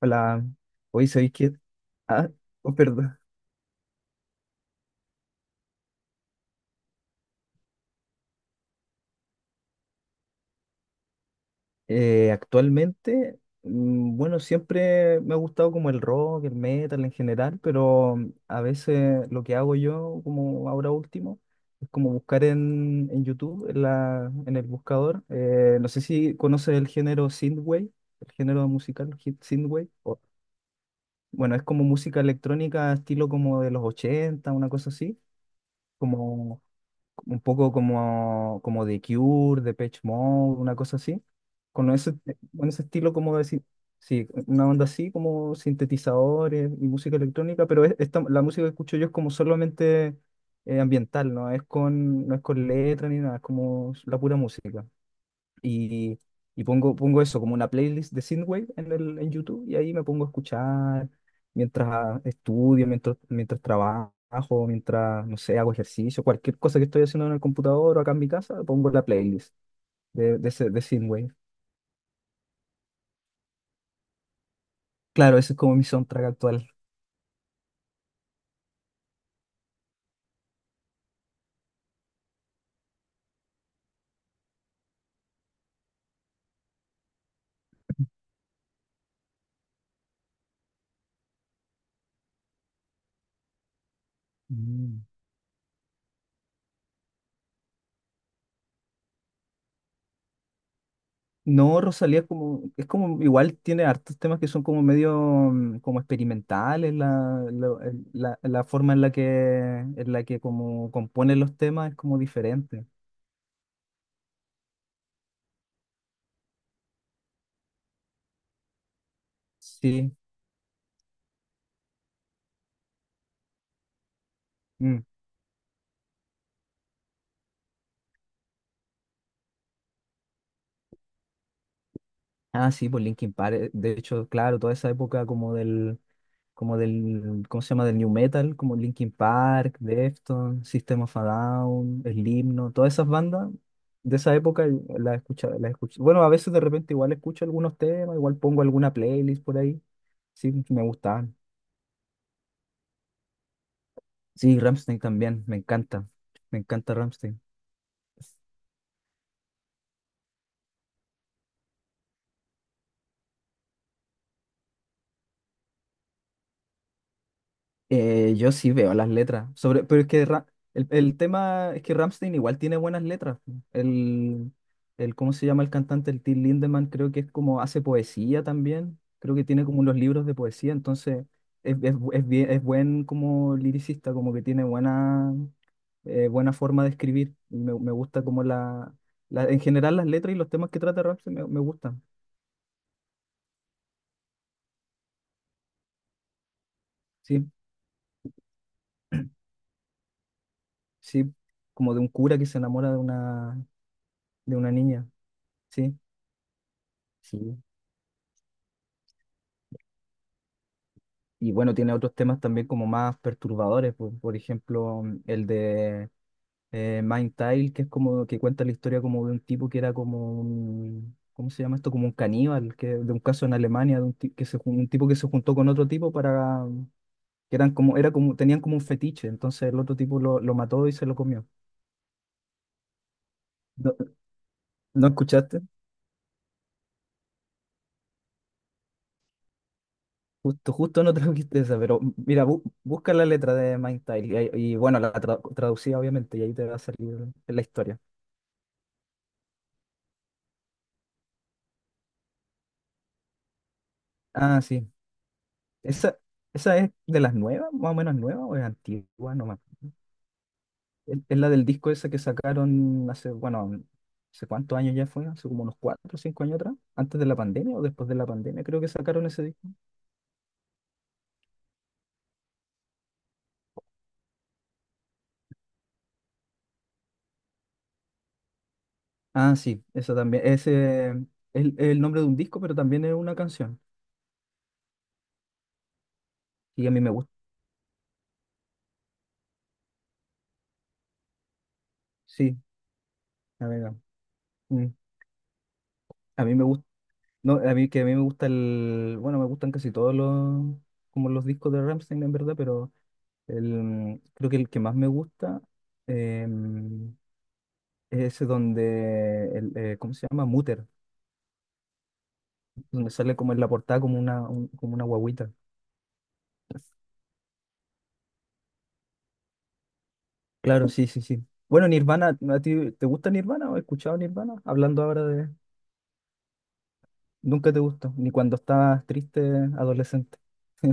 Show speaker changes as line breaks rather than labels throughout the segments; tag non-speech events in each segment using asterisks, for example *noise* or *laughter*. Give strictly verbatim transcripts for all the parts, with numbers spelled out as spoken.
Hola, hoy soy Kid. Ah, oh, perdón. Eh, actualmente, mm, bueno, siempre me ha gustado como el rock, el metal en general, pero mm, a veces lo que hago yo, como ahora último, es como buscar en, en YouTube, en la, en el buscador. Eh, no sé si conoces el género synthwave, el género musical hit synthwave. O- bueno, es como música electrónica, estilo como de los ochenta, una cosa así, como un poco como, como The Cure, Depeche Mode, una cosa así, con ese, con ese estilo, como decir, sí, una onda así, como sintetizadores y música electrónica, pero es- esta- la música que escucho yo es como solamente eh, ambiental, no es con, no es con letra ni nada, es como la pura música. Y, y pongo, pongo eso como una playlist de Synthwave en el, en YouTube, y ahí me pongo a escuchar mientras estudio, mientras, mientras trabajo, mientras, no sé, hago ejercicio, cualquier cosa que estoy haciendo en el computador o acá en mi casa. Pongo la playlist de, de, ese- de Synthwave. Claro, ese es como mi soundtrack actual. Mm. No, Rosalía es como, es como, igual tiene hartos temas que son como medio, mm, como experimentales. La, la, el- la- la forma en la que, en la que como compone los temas es como diferente. Sí. Mm. Ah, sí, por Linkin Park. eh, De hecho, claro, toda esa época como del, como del, ¿cómo se llama? Del New Metal, como Linkin Park, Deftones, System of a Down, Slipknot, todas esas bandas de esa época, eh, las escucha, las escucha. Bueno, a veces de repente igual escucho algunos temas, igual pongo alguna playlist por ahí. Sí, me gustaban. Sí, Rammstein también, me encanta. Me encanta Rammstein. Eh, yo sí veo las letras, sobre, pero es que Ra- el, el tema es que Rammstein igual tiene buenas letras. El, el, ¿cómo se llama el cantante? El Till Lindemann, creo que es como hace poesía también. Creo que tiene como unos libros de poesía, entonces es, es, bu- es bien- es buen como liricista, como que tiene buena, eh, buena forma de escribir. Y me, me gusta como la, la- en general las letras y los temas que trata Rammstein, me, me gustan. Sí, sí, como de un cura que se enamora de una, de una niña. Sí. Sí. Y bueno, tiene otros temas también como más perturbadores, por, por ejemplo, mm, el de eh, Mind Tile, que es como que cuenta la historia como de un tipo que era como un, ¿cómo se llama esto? Como un caníbal, que de un caso en Alemania, de un, ti- que se, jun- un tipo que se juntó con otro tipo para, que eran como, era como, tenían como un fetiche, entonces el otro tipo lo, lo mató y se lo comió. ¿No, no escuchaste? Justo, justo no *laughs* trajiste esa, pero mm, mira, bu- busca la letra de Mind Tile y, ahí- y bueno, la tra- traducida obviamente, y ahí te va a salir la historia. Ah, sí. Esa, esa es de las nuevas, más o menos nueva, o es antigua nomás. Es, es la del disco ese que sacaron hace, bueno, mm, hace cuántos años ya fue, hace como unos cuatro o cinco años atrás, antes de la pandemia o después de la pandemia, creo que sacaron ese disco. Ah, sí, eso también. Ese es el, el nombre de un disco, pero también es una canción. Y a mí me gusta, sí, a mí, mm, a mí me gusta, no, a mí que a mí me gusta el, bueno, me gustan casi todos los, como los discos de Rammstein en verdad, pero el, creo que el que más me gusta em, es ese donde, el, eh, ¿cómo se llama? Mutter, donde sale como en la portada como una, un- como una guagüita. Claro, sí, sí, sí. Bueno, Nirvana, ¿a ti te gusta Nirvana o has escuchado Nirvana? Hablando ahora de... Nunca te gustó, ni cuando estabas triste, adolescente. *laughs*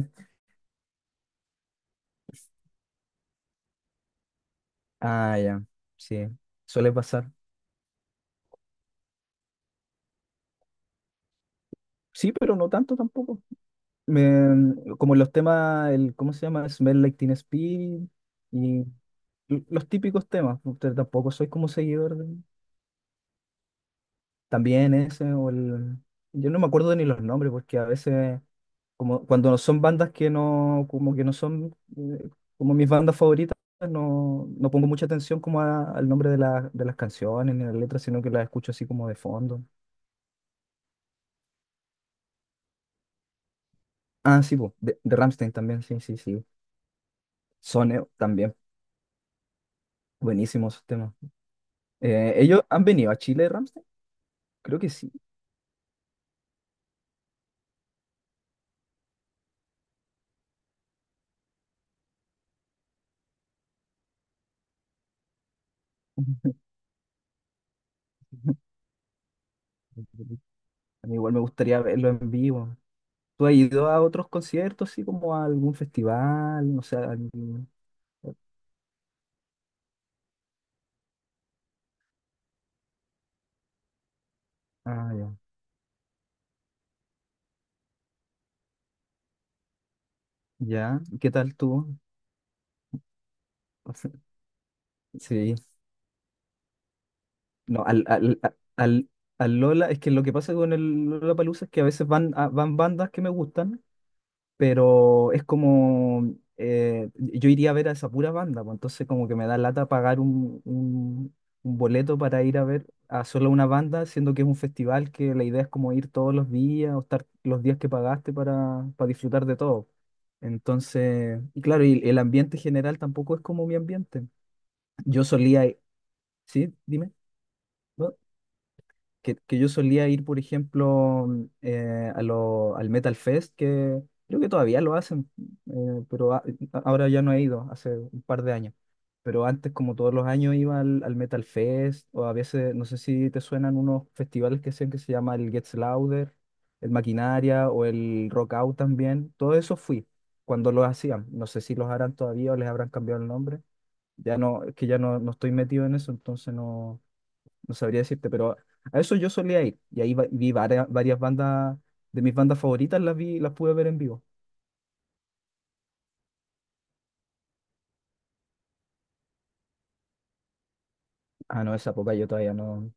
Ah, ya, sí, suele pasar. Sí, pero no tanto tampoco. Me- como los temas, el, ¿cómo se llama? Smell Like Teen Spirit y l- los típicos temas. Usted tampoco soy como seguidor de... también ese o el... Yo no me acuerdo ni los nombres porque a veces, como cuando son bandas que no, como que no son, eh, como mis bandas favoritas, no, no pongo mucha atención como a- al nombre de, la- de las canciones ni las letras, sino que las escucho así como de fondo. Ah, sí, po, de, de Rammstein también, sí, sí, sí. Son, eh, también buenísimos esos temas. Eh, ¿ellos han venido a Chile, Ramstein? Creo que sí. A mí igual me gustaría verlo en vivo. ¿Tú has ido a otros conciertos, así como a algún festival? No sé, a algún... Ah, ya. Ya, ¿y qué tal tú? *laughs* Sí, no, al, al, a- al, al Lola, es que lo que pasa con el Lollapalooza es que a veces van, a- van bandas que me gustan, pero es como, eh, yo iría a ver a esa pura banda, pues, entonces como que me da lata pagar un, un- un boleto para ir a ver a solo una banda, siendo que es un festival que la idea es como ir todos los días o estar los días que pagaste para, para disfrutar de todo. Entonces, y claro, y el ambiente general tampoco es como mi ambiente. Yo solía, i- sí, dime. ¿No? Que, que yo solía ir, por ejemplo, mm, eh, a lo- al Metal Fest, que creo que todavía lo hacen, eh, pero a- ahora ya no he ido, hace un par de años. Pero antes, como todos los años, iba al, al Metal Fest, o a veces, no sé si te suenan unos festivales que hacen que se llama el Gets Louder, el Maquinaria o el Rock Out también. Todo eso fui cuando los hacían. No sé si los harán todavía o les habrán cambiado el nombre. Ya no, es que ya no, no estoy metido en eso, entonces no, no sabría decirte, pero a eso yo solía ir. Y ahí va- vi varias, varias bandas, de mis bandas favoritas las vi, las pude ver en vivo. Ah, no, esa época yo todavía no,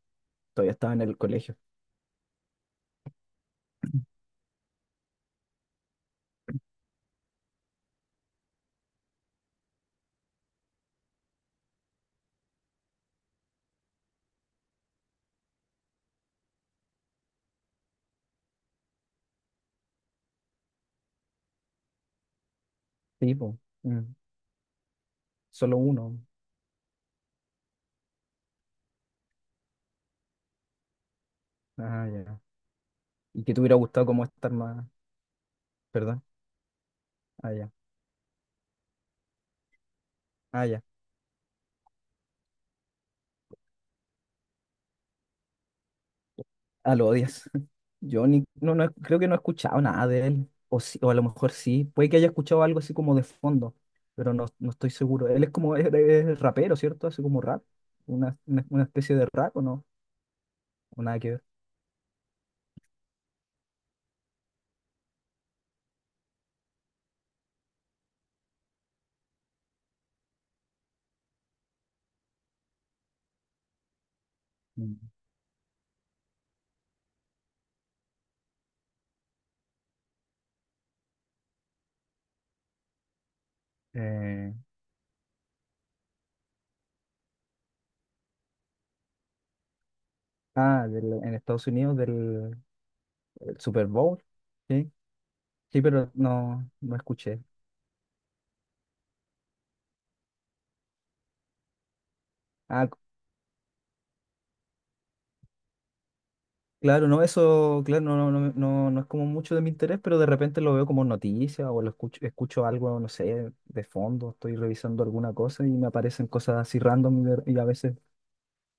todavía estaba en el colegio. Sí, po. Mm, solo uno. Ah, ya. Y que te hubiera gustado como estar más, ¿verdad? Ah, ya. Ah, ya. Ah, lo odias. *laughs* Yo ni, no, no, creo que no he escuchado nada de él. O, sí, o a lo mejor sí. Puede que haya escuchado algo así como de fondo, pero no, no estoy seguro. Él es como *laughs* es, es rapero, ¿cierto? Hace como rap. Una, una, una especie de rap, o no. O nada que ver. Mm. Eh, ah, del- en Estados Unidos del, del Super Bowl. Sí, sí, pero no, no escuché. Ah, c- claro, no, eso, claro, no, no, no, no, no es como mucho de mi interés, pero de repente lo veo como noticia o lo escucho, escucho algo, no sé, de fondo, estoy revisando alguna cosa y me aparecen cosas así random, y, de- y a veces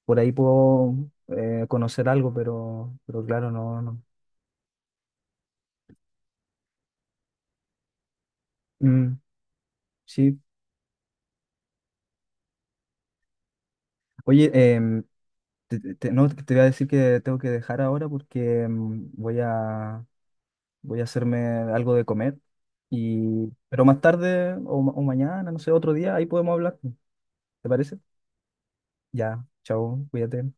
por ahí puedo, eh, conocer algo, pero, pero claro, no, no. Mm, sí. Oye, em, Te, te- no, te voy a decir que tengo que dejar ahora porque mm, voy a, voy a hacerme algo de comer. Y, pero más tarde o, ma- o mañana, no sé, otro día, ahí podemos hablar. ¿Te parece? Ya, chao, cuídate.